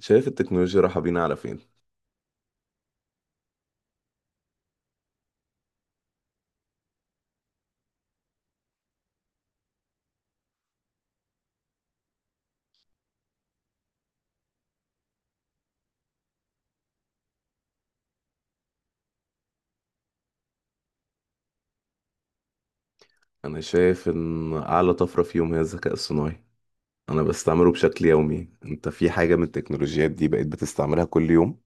شايف التكنولوجيا رايحة بينا على فين؟ أنا شايف إن أعلى طفرة فيهم هي الذكاء الصناعي. أنا بستعمله بشكل يومي. أنت في حاجة من التكنولوجيات دي بقيت بتستعملها كل يوم؟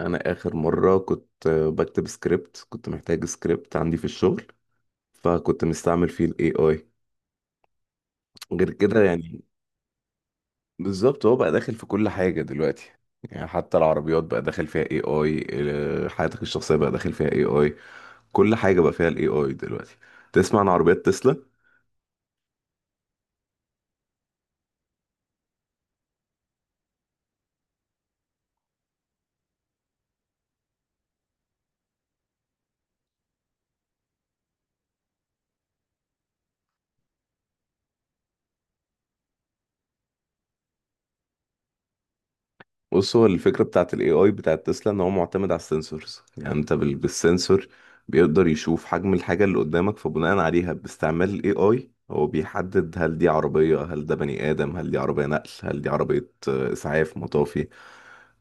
أنا آخر مرة كنت بكتب سكريبت، كنت محتاج سكريبت عندي في الشغل، فكنت مستعمل فيه ال AI. غير كده يعني بالظبط هو بقى داخل في كل حاجة دلوقتي. يعني حتى العربيات بقى داخل فيها AI، حياتك الشخصية بقى داخل فيها AI. كل حاجة بقى فيها ال AI دلوقتي. تسمع عن عربيات تسلا؟ بص، هو الفكرة بتاعت ال AI بتاعت تسلا ان هو معتمد على السنسورز. يعني انت بالسنسور بيقدر يشوف حجم الحاجة اللي قدامك، فبناء عليها باستعمال ال AI هو بيحدد هل دي عربية، هل ده بني آدم، هل دي عربية نقل، هل دي عربية إسعاف، مطافي.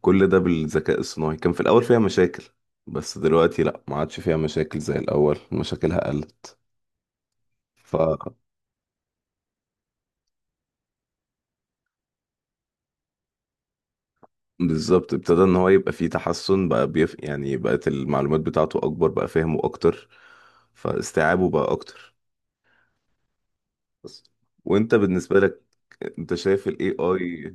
كل ده بالذكاء الصناعي. كان في الأول فيها مشاكل، بس دلوقتي لأ، ما عادش فيها مشاكل زي الأول. مشاكلها قلت. بالظبط، ابتدى ان هو يبقى فيه تحسن بقى. يعني بقت المعلومات بتاعته اكبر، بقى فهمه اكتر، فاستيعابه بقى اكتر. بس. وانت بالنسبة لك، انت شايف الاي اي؟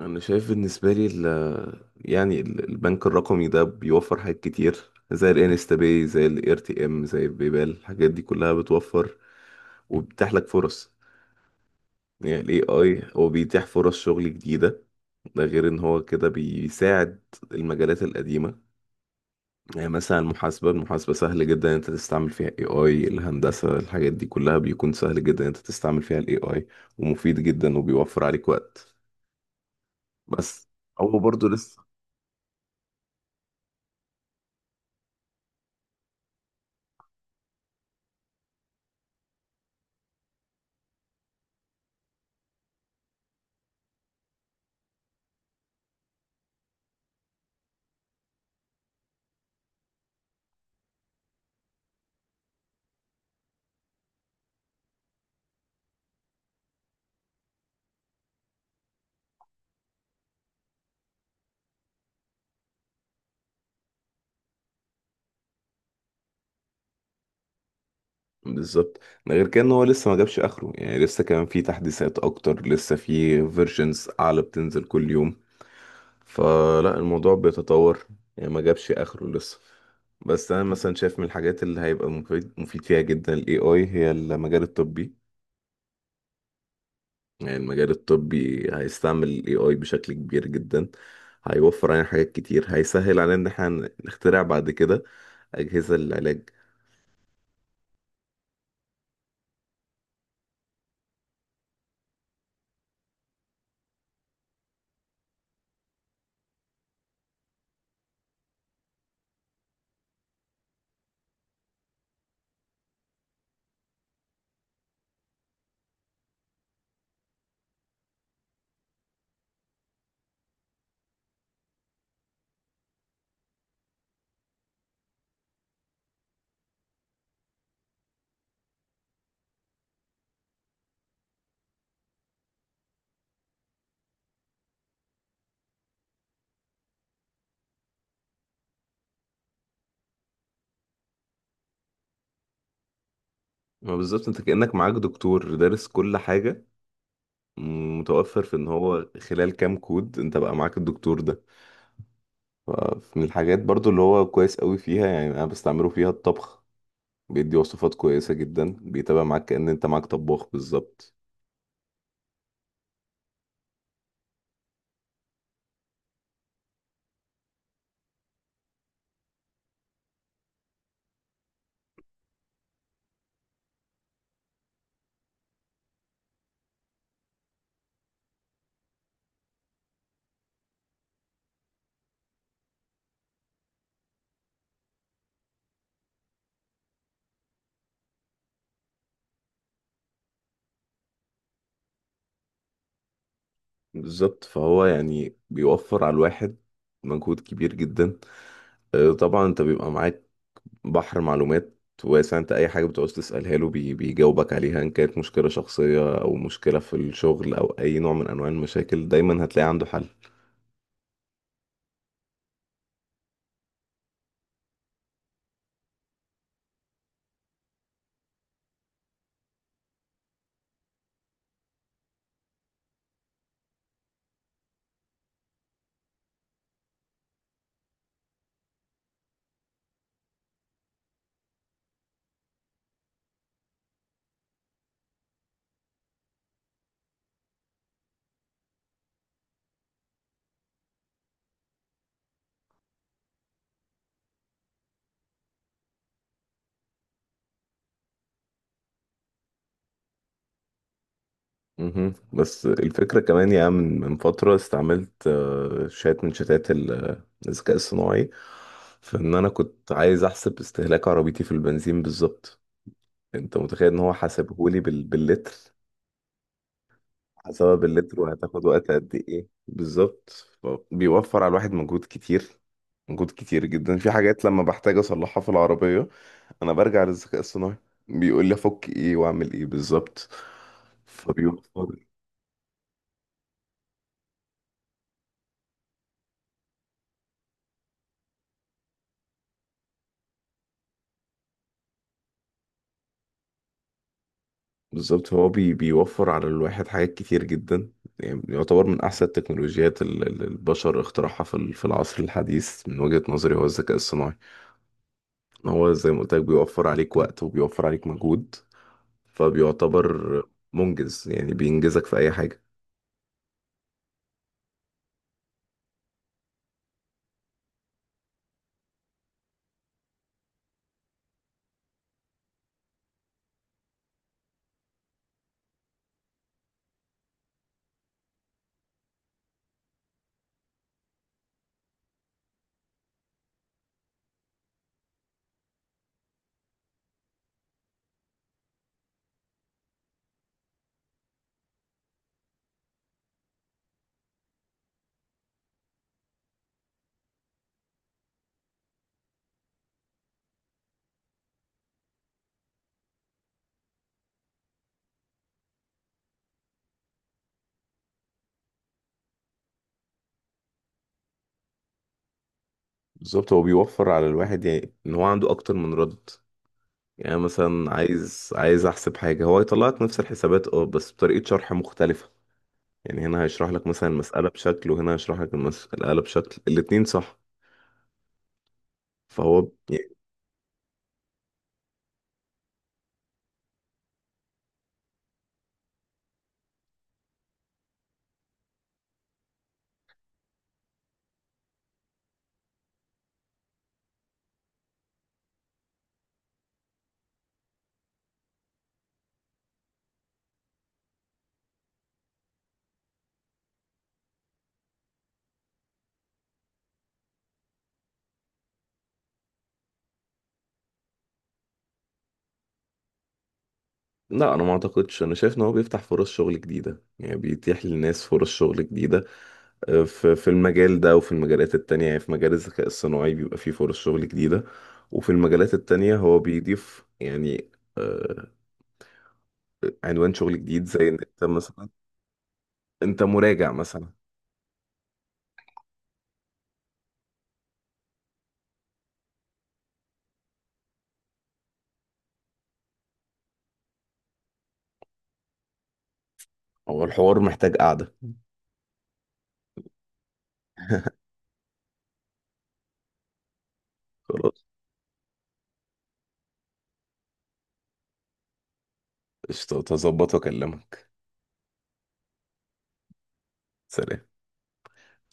انا شايف بالنسبة لي يعني البنك الرقمي ده بيوفر حاجات كتير، زي الانستا باي، زي الار تي ام، زي البيبال. الحاجات دي كلها بتوفر وبتتيح لك فرص. يعني الاي اي هو بيتيح فرص شغل جديدة. ده غير ان هو كده بيساعد المجالات القديمة. يعني مثلا المحاسبة، المحاسبة سهل جدا إن انت تستعمل فيها اي اي. الهندسة، الحاجات دي كلها بيكون سهل جدا إن انت تستعمل فيها الاي اي، ومفيد جدا وبيوفر عليك وقت. بس هو برضه لسه. بالظبط، ده غير كده ان هو لسه ما جابش اخره. يعني لسه كمان في تحديثات اكتر، لسه في فيرجنز اعلى بتنزل كل يوم، فلا، الموضوع بيتطور. يعني ما جابش اخره لسه. بس انا مثلا شايف من الحاجات اللي هيبقى مفيد مفيد فيها جدا الاي اي هي المجال الطبي. يعني المجال الطبي هيستعمل ال AI بشكل كبير جدا. هيوفر علينا حاجات كتير، هيسهل علينا ان احنا نخترع بعد كده أجهزة للعلاج. ما بالظبط، انت كأنك معاك دكتور دارس كل حاجة. متوفر في ان هو خلال كام كود انت بقى معاك الدكتور ده. فمن الحاجات برضو اللي هو كويس قوي فيها، يعني انا بستعمله فيها، الطبخ. بيدي وصفات كويسة جدا، بيتابع معاك كأن انت معاك طباخ بالظبط. بالظبط، فهو يعني بيوفر على الواحد مجهود كبير جدا. آه، طبعا انت بيبقى معاك بحر معلومات واسع. انت اي حاجه بتعوز تسالها له بيجاوبك عليها، ان كانت مشكله شخصيه او مشكله في الشغل او اي نوع من انواع المشاكل، دايما هتلاقي عنده حل. مهم. بس الفكره كمان يا عم، من فتره استعملت شات من شتات الذكاء الصناعي في ان انا كنت عايز احسب استهلاك عربيتي في البنزين بالظبط. انت متخيل ان هو حاسبهولي باللتر؟ حسب باللتر، وهتاخد وقت قد ايه بالظبط. بيوفر على الواحد مجهود كتير، مجهود كتير جدا. في حاجات لما بحتاج اصلحها في العربية انا برجع للذكاء الصناعي، بيقول لي افك ايه واعمل ايه بالظبط، فبيوفر. بالظبط، هو بيوفر على الواحد حاجات كتير جدا. يعني يعتبر من احسن التكنولوجيات اللي البشر اخترعها في في العصر الحديث، من وجهة نظري، هو الذكاء الصناعي. هو زي ما قلت لك بيوفر عليك وقت وبيوفر عليك مجهود، فبيعتبر منجز. يعني بينجزك في اي حاجة. بالظبط، هو بيوفر على الواحد، يعني ان هو عنده اكتر من رد. يعني مثلا عايز احسب حاجة، هو هيطلع لك نفس الحسابات، اه، بس بطريقة شرح مختلفة. يعني هنا هيشرح لك مثلا المسألة بشكل، وهنا هيشرح لك المسألة بشكل، الاتنين صح. فهو. لا انا ما اعتقدش، انا شايف ان هو بيفتح فرص شغل جديده، يعني بيتيح للناس فرص شغل جديده. آه، في في المجال ده وفي المجالات التانية. يعني في مجال الذكاء الصناعي بيبقى فيه فرص شغل جديده، وفي المجالات التانية هو بيضيف يعني آه، عنوان شغل جديد. زي ان انت مثلا انت مراجع مثلا. هو الحوار محتاج قعده. خلاص. قشطة، هظبط واكلمك. سلام.